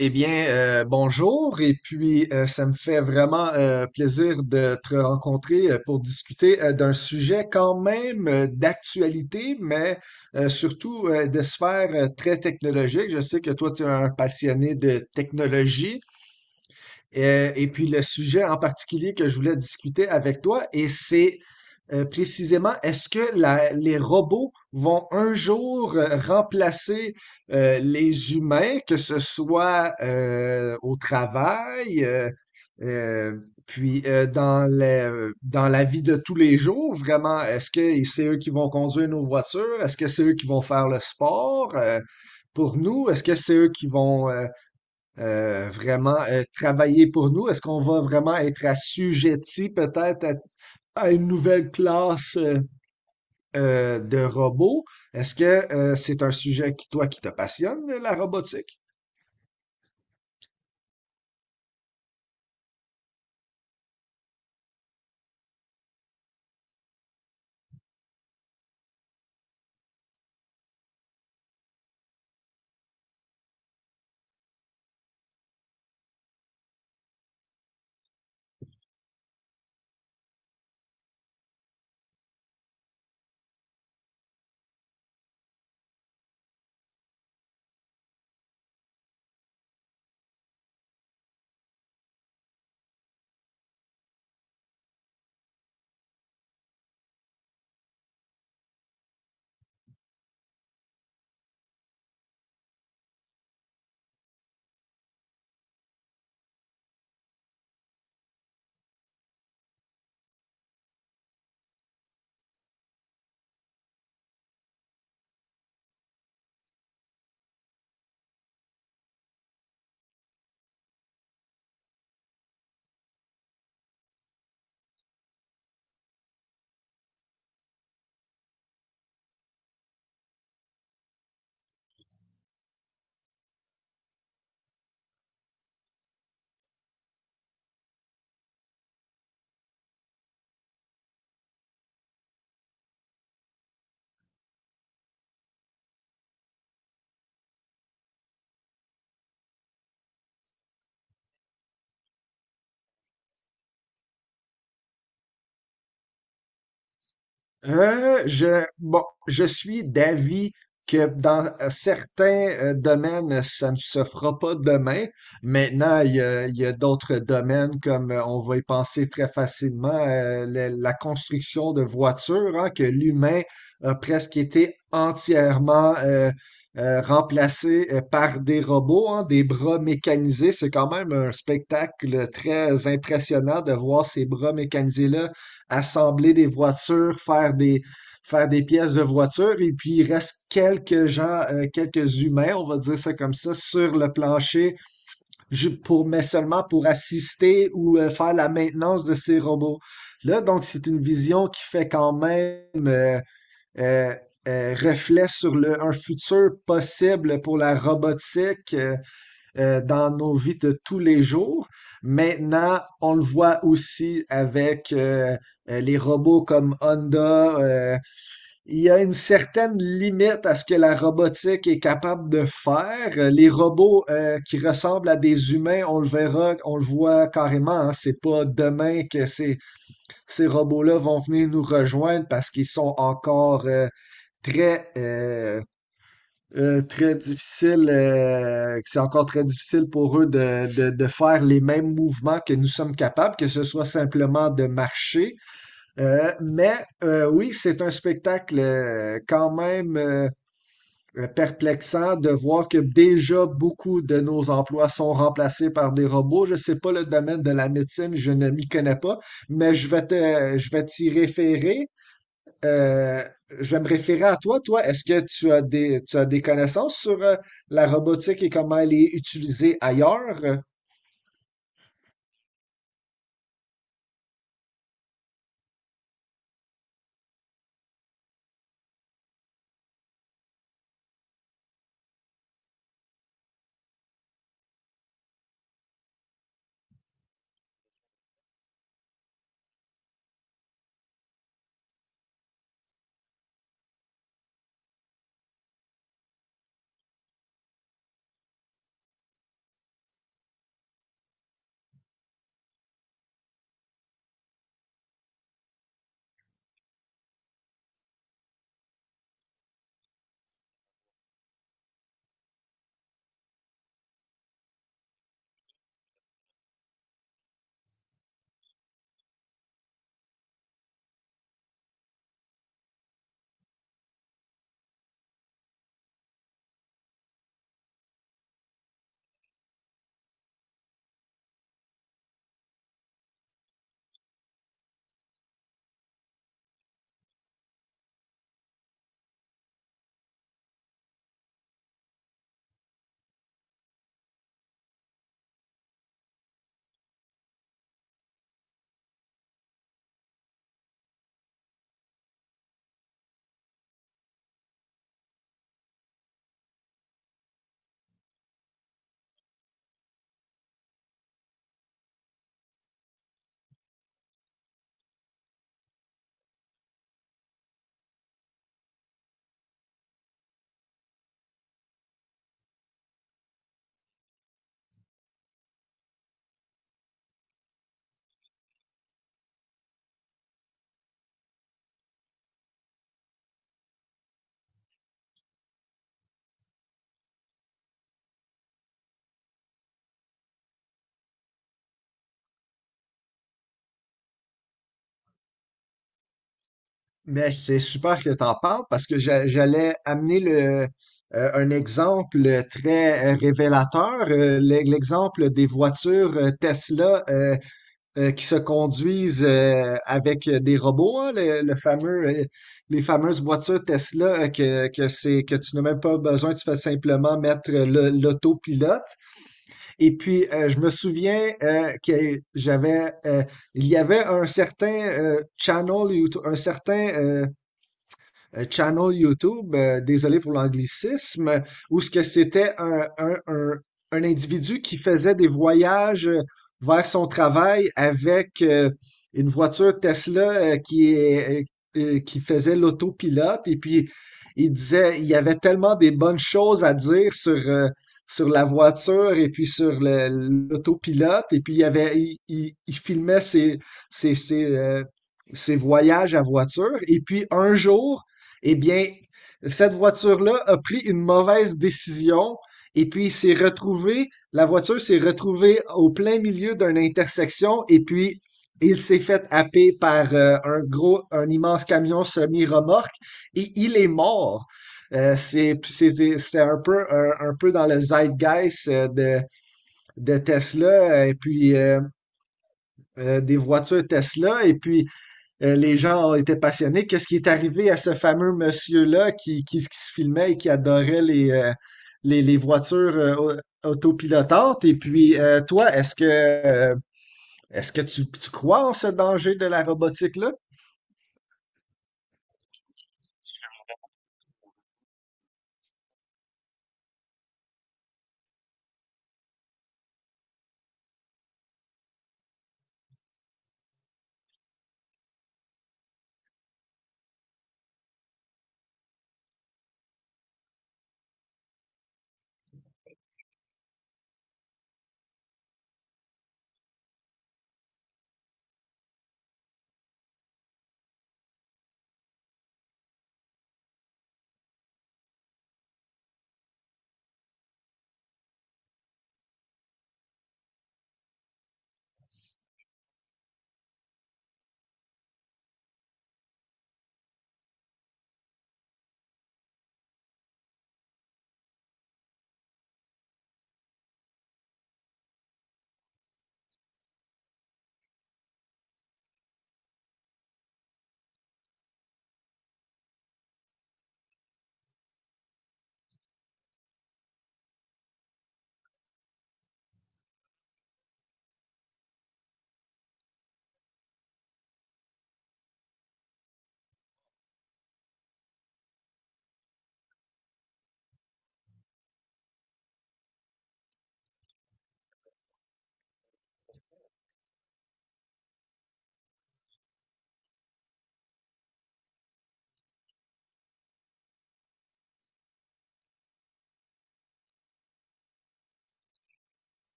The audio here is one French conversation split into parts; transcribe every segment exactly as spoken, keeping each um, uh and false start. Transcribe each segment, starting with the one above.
Eh bien, euh, bonjour, et puis euh, ça me fait vraiment euh, plaisir de te rencontrer euh, pour discuter euh, d'un sujet quand même euh, d'actualité, mais euh, surtout euh, de sphère euh, très technologique. Je sais que toi, tu es un passionné de technologie. Euh, et puis le sujet en particulier que je voulais discuter avec toi, et c'est euh, précisément, est-ce que la- les robots vont un jour euh, remplacer euh, les humains, que ce soit euh, au travail, euh, euh, puis euh, dans le- dans la vie de tous les jours, vraiment, est-ce que c'est eux qui vont conduire nos voitures? Est-ce que c'est eux qui vont faire le sport euh, pour nous? Est-ce que c'est eux qui vont euh, euh, vraiment euh, travailler pour nous? Est-ce qu'on va vraiment être assujetti peut-être à, à une nouvelle classe euh, euh, de robots? Est-ce que euh, c'est un sujet qui, toi, qui te passionne, la robotique? Euh, je, bon, je suis d'avis que dans euh, certains euh, domaines, ça ne se fera pas demain. Maintenant, il y a, il y a d'autres domaines comme euh, on va y penser très facilement, euh, la, la construction de voitures, hein, que l'humain a presque été entièrement euh, euh, remplacé euh, par des robots, hein, des bras mécanisés. C'est quand même un spectacle très impressionnant de voir ces bras mécanisés-là assembler des voitures, faire des, faire des pièces de voitures. Et puis, il reste quelques gens, euh, quelques humains, on va dire ça comme ça, sur le plancher, ju- pour, mais seulement pour assister ou euh, faire la maintenance de ces robots. Là, donc, c'est une vision qui fait quand même euh, euh, euh, reflet sur le, un futur possible pour la robotique. Euh, euh, dans nos vies de tous les jours. Maintenant, on le voit aussi avec euh, euh, les robots comme Honda. Euh, il y a une certaine limite à ce que la robotique est capable de faire. Euh, Les robots euh, qui ressemblent à des humains, on le verra, on le voit carrément. Hein. C'est pas demain que ces, ces robots-là vont venir nous rejoindre parce qu'ils sont encore euh, très euh, euh, très difficile, euh, que c'est encore très difficile pour eux de, de- de faire les mêmes mouvements que nous sommes capables, que ce soit simplement de marcher. Euh, mais euh, oui, c'est un spectacle euh, quand même euh, perplexant de voir que déjà beaucoup de nos emplois sont remplacés par des robots. Je sais pas le domaine de la médecine, je ne m'y connais pas, mais je vais te, je vais t'y référer euh, je vais me référer à toi. Toi, est-ce que tu as des, tu as des connaissances sur euh, la robotique et comment elle est utilisée ailleurs? Mais c'est super que tu en parles parce que j'a- j'allais amener le, euh, un exemple très euh, révélateur, euh, l'e- l'exemple des voitures euh, Tesla euh, euh, qui se conduisent euh, avec des robots, hein, le, le fameux, euh, les fameuses voitures Tesla euh, que, que c'est, que tu n'as même pas besoin, tu fais simplement mettre le- l'autopilote. Et puis, euh, je me souviens euh, que j'avais, euh, il y avait un certain euh, channel, YouTube, un certain euh, euh, channel YouTube, euh, désolé pour l'anglicisme, où ce que c'était un, un, un, un individu qui faisait des voyages euh, vers son travail avec euh, une voiture Tesla euh, qui est, euh, euh, qui faisait l'autopilote et puis il disait il y avait tellement des bonnes choses à dire sur euh, sur la voiture et puis sur le- l'autopilote et puis il y avait il, il- il filmait ses ses ses, euh, ses voyages à voiture et puis un jour eh bien, cette voiture-là a pris une mauvaise décision et puis s'est retrouvée, la voiture s'est retrouvée au plein milieu d'une intersection et puis il s'est fait happer par euh, un gros, un immense camion semi-remorque et il est mort. Euh, c'est c'est- c'est un peu, un, un peu dans le zeitgeist euh, de, de Tesla euh, et puis euh, euh, des voitures Tesla. Et puis, euh, les gens étaient passionnés. Qu'est-ce qui est arrivé à ce fameux monsieur-là qui, qui- qui se filmait et qui adorait les, euh, les, les voitures euh, au- autopilotantes? Et puis, euh, toi, est-ce que, euh, est-ce que tu, tu crois en ce danger de la robotique-là?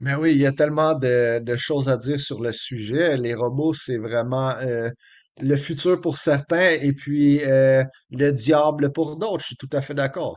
Mais oui, il y a tellement de, de choses à dire sur le sujet. Les robots, c'est vraiment euh, le futur pour certains et puis euh, le diable pour d'autres. Je suis tout à fait d'accord.